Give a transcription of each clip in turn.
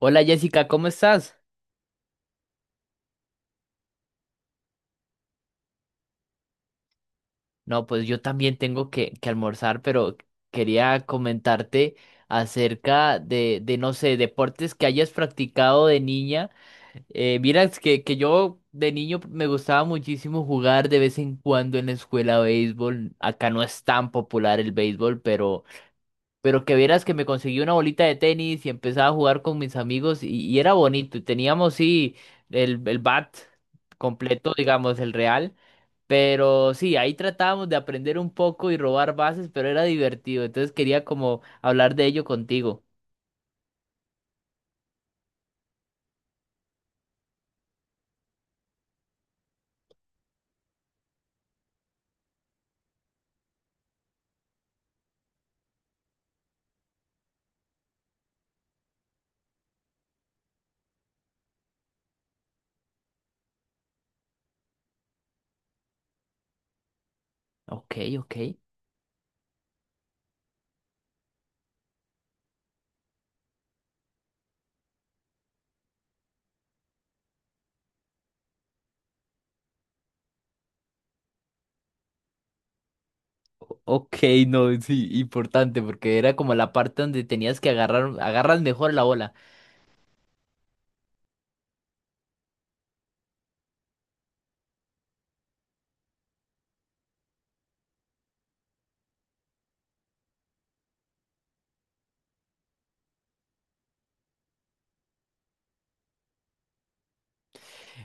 Hola Jessica, ¿cómo estás? No, pues yo también tengo que almorzar, pero quería comentarte acerca no sé, deportes que hayas practicado de niña. Mira, es que yo de niño me gustaba muchísimo jugar de vez en cuando en la escuela béisbol. Acá no es tan popular el béisbol, pero que vieras que me conseguí una bolita de tenis y empezaba a jugar con mis amigos y era bonito. Y teníamos, sí, el bat completo, digamos, el real. Pero sí, ahí tratábamos de aprender un poco y robar bases, pero era divertido. Entonces quería como hablar de ello contigo. Ok, ok. Ok, no, sí, importante, porque era como la parte donde tenías que agarrar, agarras mejor la bola.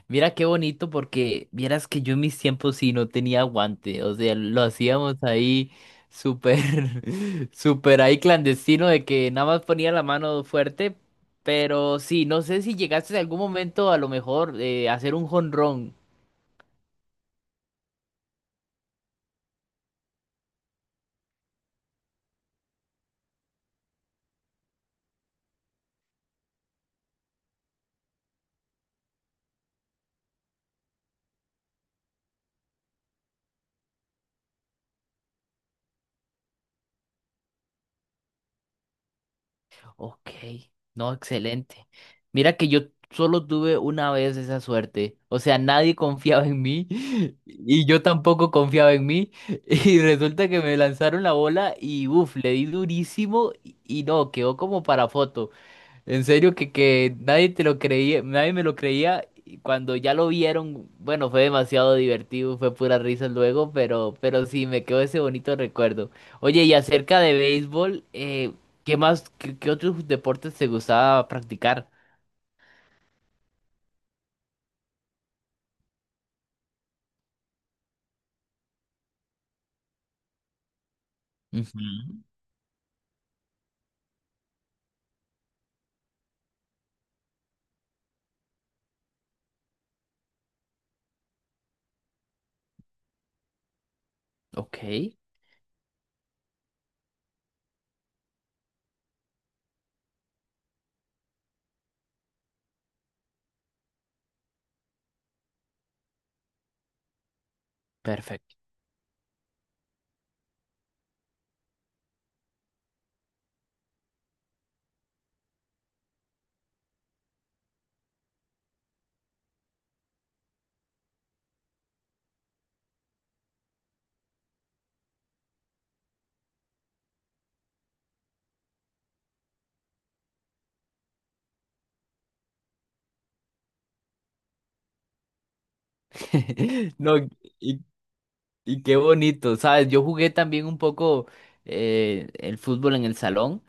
Mira qué bonito, porque vieras que yo en mis tiempos sí no tenía guante. O sea, lo hacíamos ahí súper, súper ahí clandestino de que nada más ponía la mano fuerte. Pero sí, no sé si llegaste en algún momento a lo mejor a hacer un jonrón. Ok, no, excelente. Mira que yo solo tuve una vez esa suerte. O sea, nadie confiaba en mí y yo tampoco confiaba en mí. Y resulta que me lanzaron la bola y uff, le di durísimo y no, quedó como para foto. En serio que nadie te lo creía, nadie me lo creía y cuando ya lo vieron, bueno, fue demasiado divertido, fue pura risa luego, pero sí, me quedó ese bonito recuerdo. Oye, y acerca de béisbol, ¿qué más, qué, qué otros deportes te gustaba practicar? Ujú, ok, perfecto. No, y, y qué bonito, ¿sabes? Yo jugué también un poco el fútbol en el salón.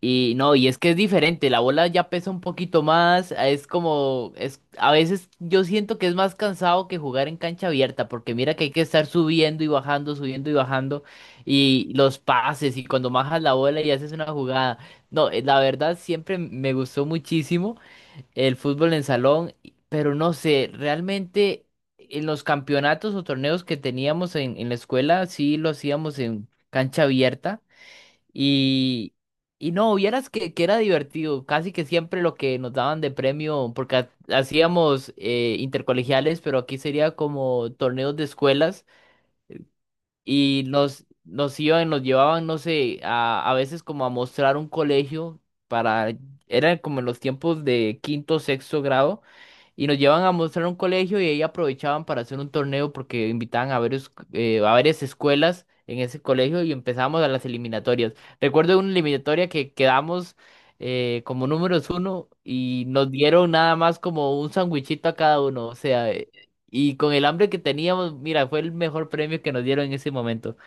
Y no, y es que es diferente, la bola ya pesa un poquito más, es como, es, a veces yo siento que es más cansado que jugar en cancha abierta, porque mira que hay que estar subiendo y bajando, y los pases, y cuando bajas la bola y haces una jugada. No, la verdad siempre me gustó muchísimo el fútbol en salón, y- pero no sé, realmente en los campeonatos o torneos que teníamos en la escuela, sí lo hacíamos en cancha abierta. Y, y no, vieras que era divertido, casi que siempre lo que nos daban de premio, porque ha- hacíamos intercolegiales, pero aquí sería como torneos de escuelas y nos iban, nos llevaban, no sé, a veces como a mostrar un colegio para, era como en los tiempos de quinto, sexto grado, y nos llevaban a mostrar un colegio y ahí aprovechaban para hacer un torneo porque invitaban a varios, a varias escuelas en ese colegio y empezamos a las eliminatorias. Recuerdo una eliminatoria que quedamos como números uno y nos dieron nada más como un sandwichito a cada uno, o sea, y con el hambre que teníamos, mira, fue el mejor premio que nos dieron en ese momento.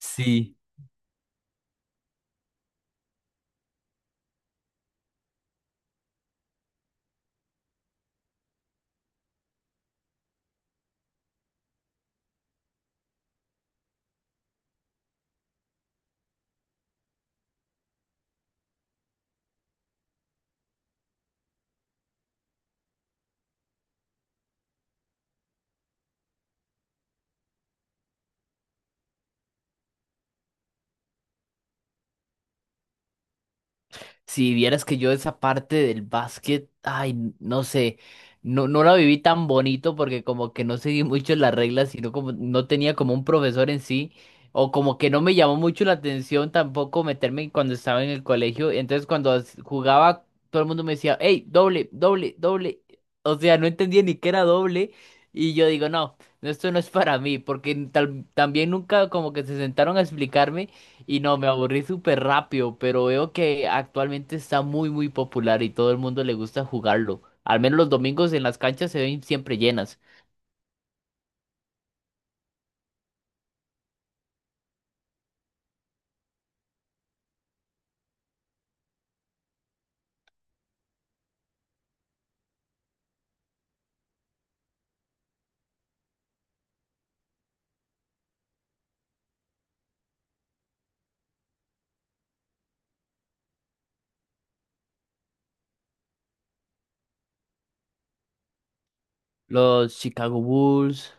Sí. Si vieras que yo esa parte del básquet, ay, no sé, no, no la viví tan bonito porque como que no seguí mucho las reglas, sino como no tenía como un profesor en sí, o como que no me llamó mucho la atención tampoco meterme cuando estaba en el colegio. Entonces cuando as- jugaba, todo el mundo me decía, hey, doble, doble, doble. O sea, no entendía ni qué era doble. Y yo digo, no, no, esto no es para mí, porque tal, también nunca como que se sentaron a explicarme. Y no, me aburrí súper rápido, pero veo que actualmente está muy, muy popular y todo el mundo le gusta jugarlo. Al menos los domingos en las canchas se ven siempre llenas. Los Chicago Bulls,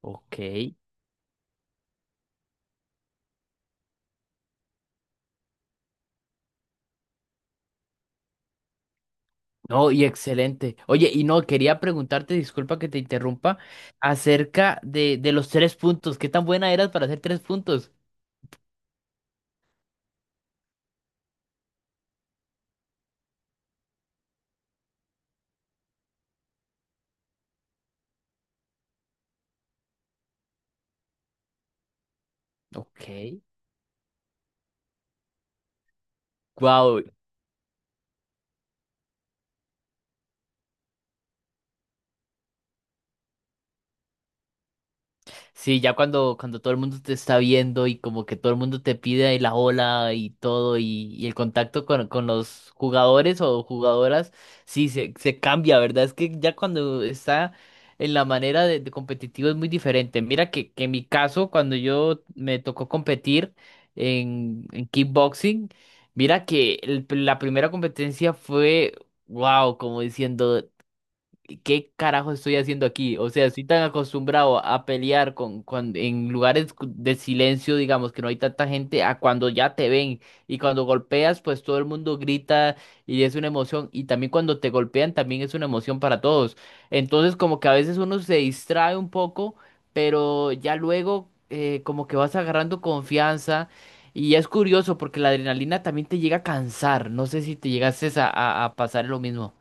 ok. No, y excelente. Oye, y no, quería preguntarte, disculpa que te interrumpa, acerca de los tres puntos. ¿Qué tan buena eras para hacer tres puntos? Ok. Wow, sí, ya cuando todo el mundo te está viendo y como que todo el mundo te pide la ola y todo y el contacto con los jugadores o jugadoras, sí, se cambia, ¿verdad? Es que ya cuando está en la manera de competitivo es muy diferente. Mira que en mi caso, cuando yo me tocó competir en kickboxing, mira que el- la primera competencia fue, wow, como diciendo... ¿qué carajo estoy haciendo aquí? O sea, estoy tan acostumbrado a pelear con- en lugares cu- de silencio, digamos, que no hay tanta gente, a cuando ya te ven y cuando golpeas, pues todo el mundo grita y es una emoción y también cuando te golpean también es una emoción para todos. Entonces, como que a veces uno se distrae un poco, pero ya luego como que vas agarrando confianza. Y es curioso porque la adrenalina también te llega a cansar. No sé si te llegases a, a pasar lo mismo.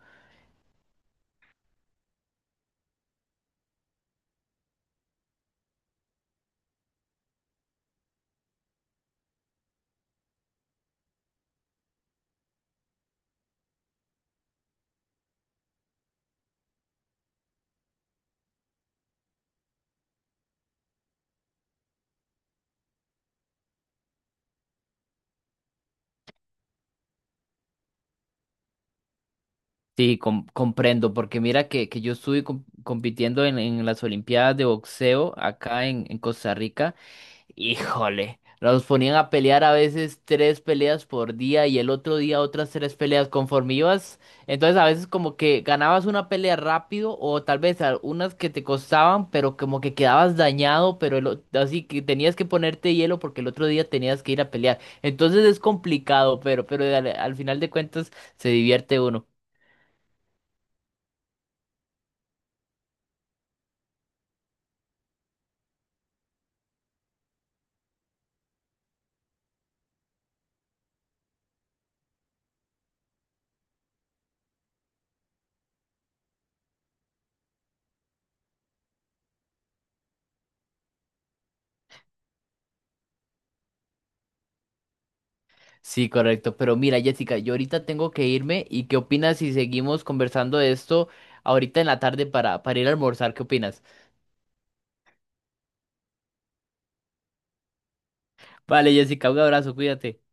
Sí, com- comprendo, porque mira que yo estuve com- compitiendo en las Olimpiadas de boxeo acá en Costa Rica. Híjole, nos ponían a pelear a veces tres peleas por día y el otro día otras tres peleas conforme ibas. Entonces a veces como que ganabas una pelea rápido o tal vez algunas que te costaban, pero como que quedabas dañado, pero el o- así que tenías que ponerte hielo porque el otro día tenías que ir a pelear. Entonces es complicado, pero al final de cuentas se divierte uno. Sí, correcto. Pero mira, Jessica, yo ahorita tengo que irme. ¿Y qué opinas si seguimos conversando de esto ahorita en la tarde para ir a almorzar? ¿Qué opinas? Vale, Jessica, un abrazo, cuídate.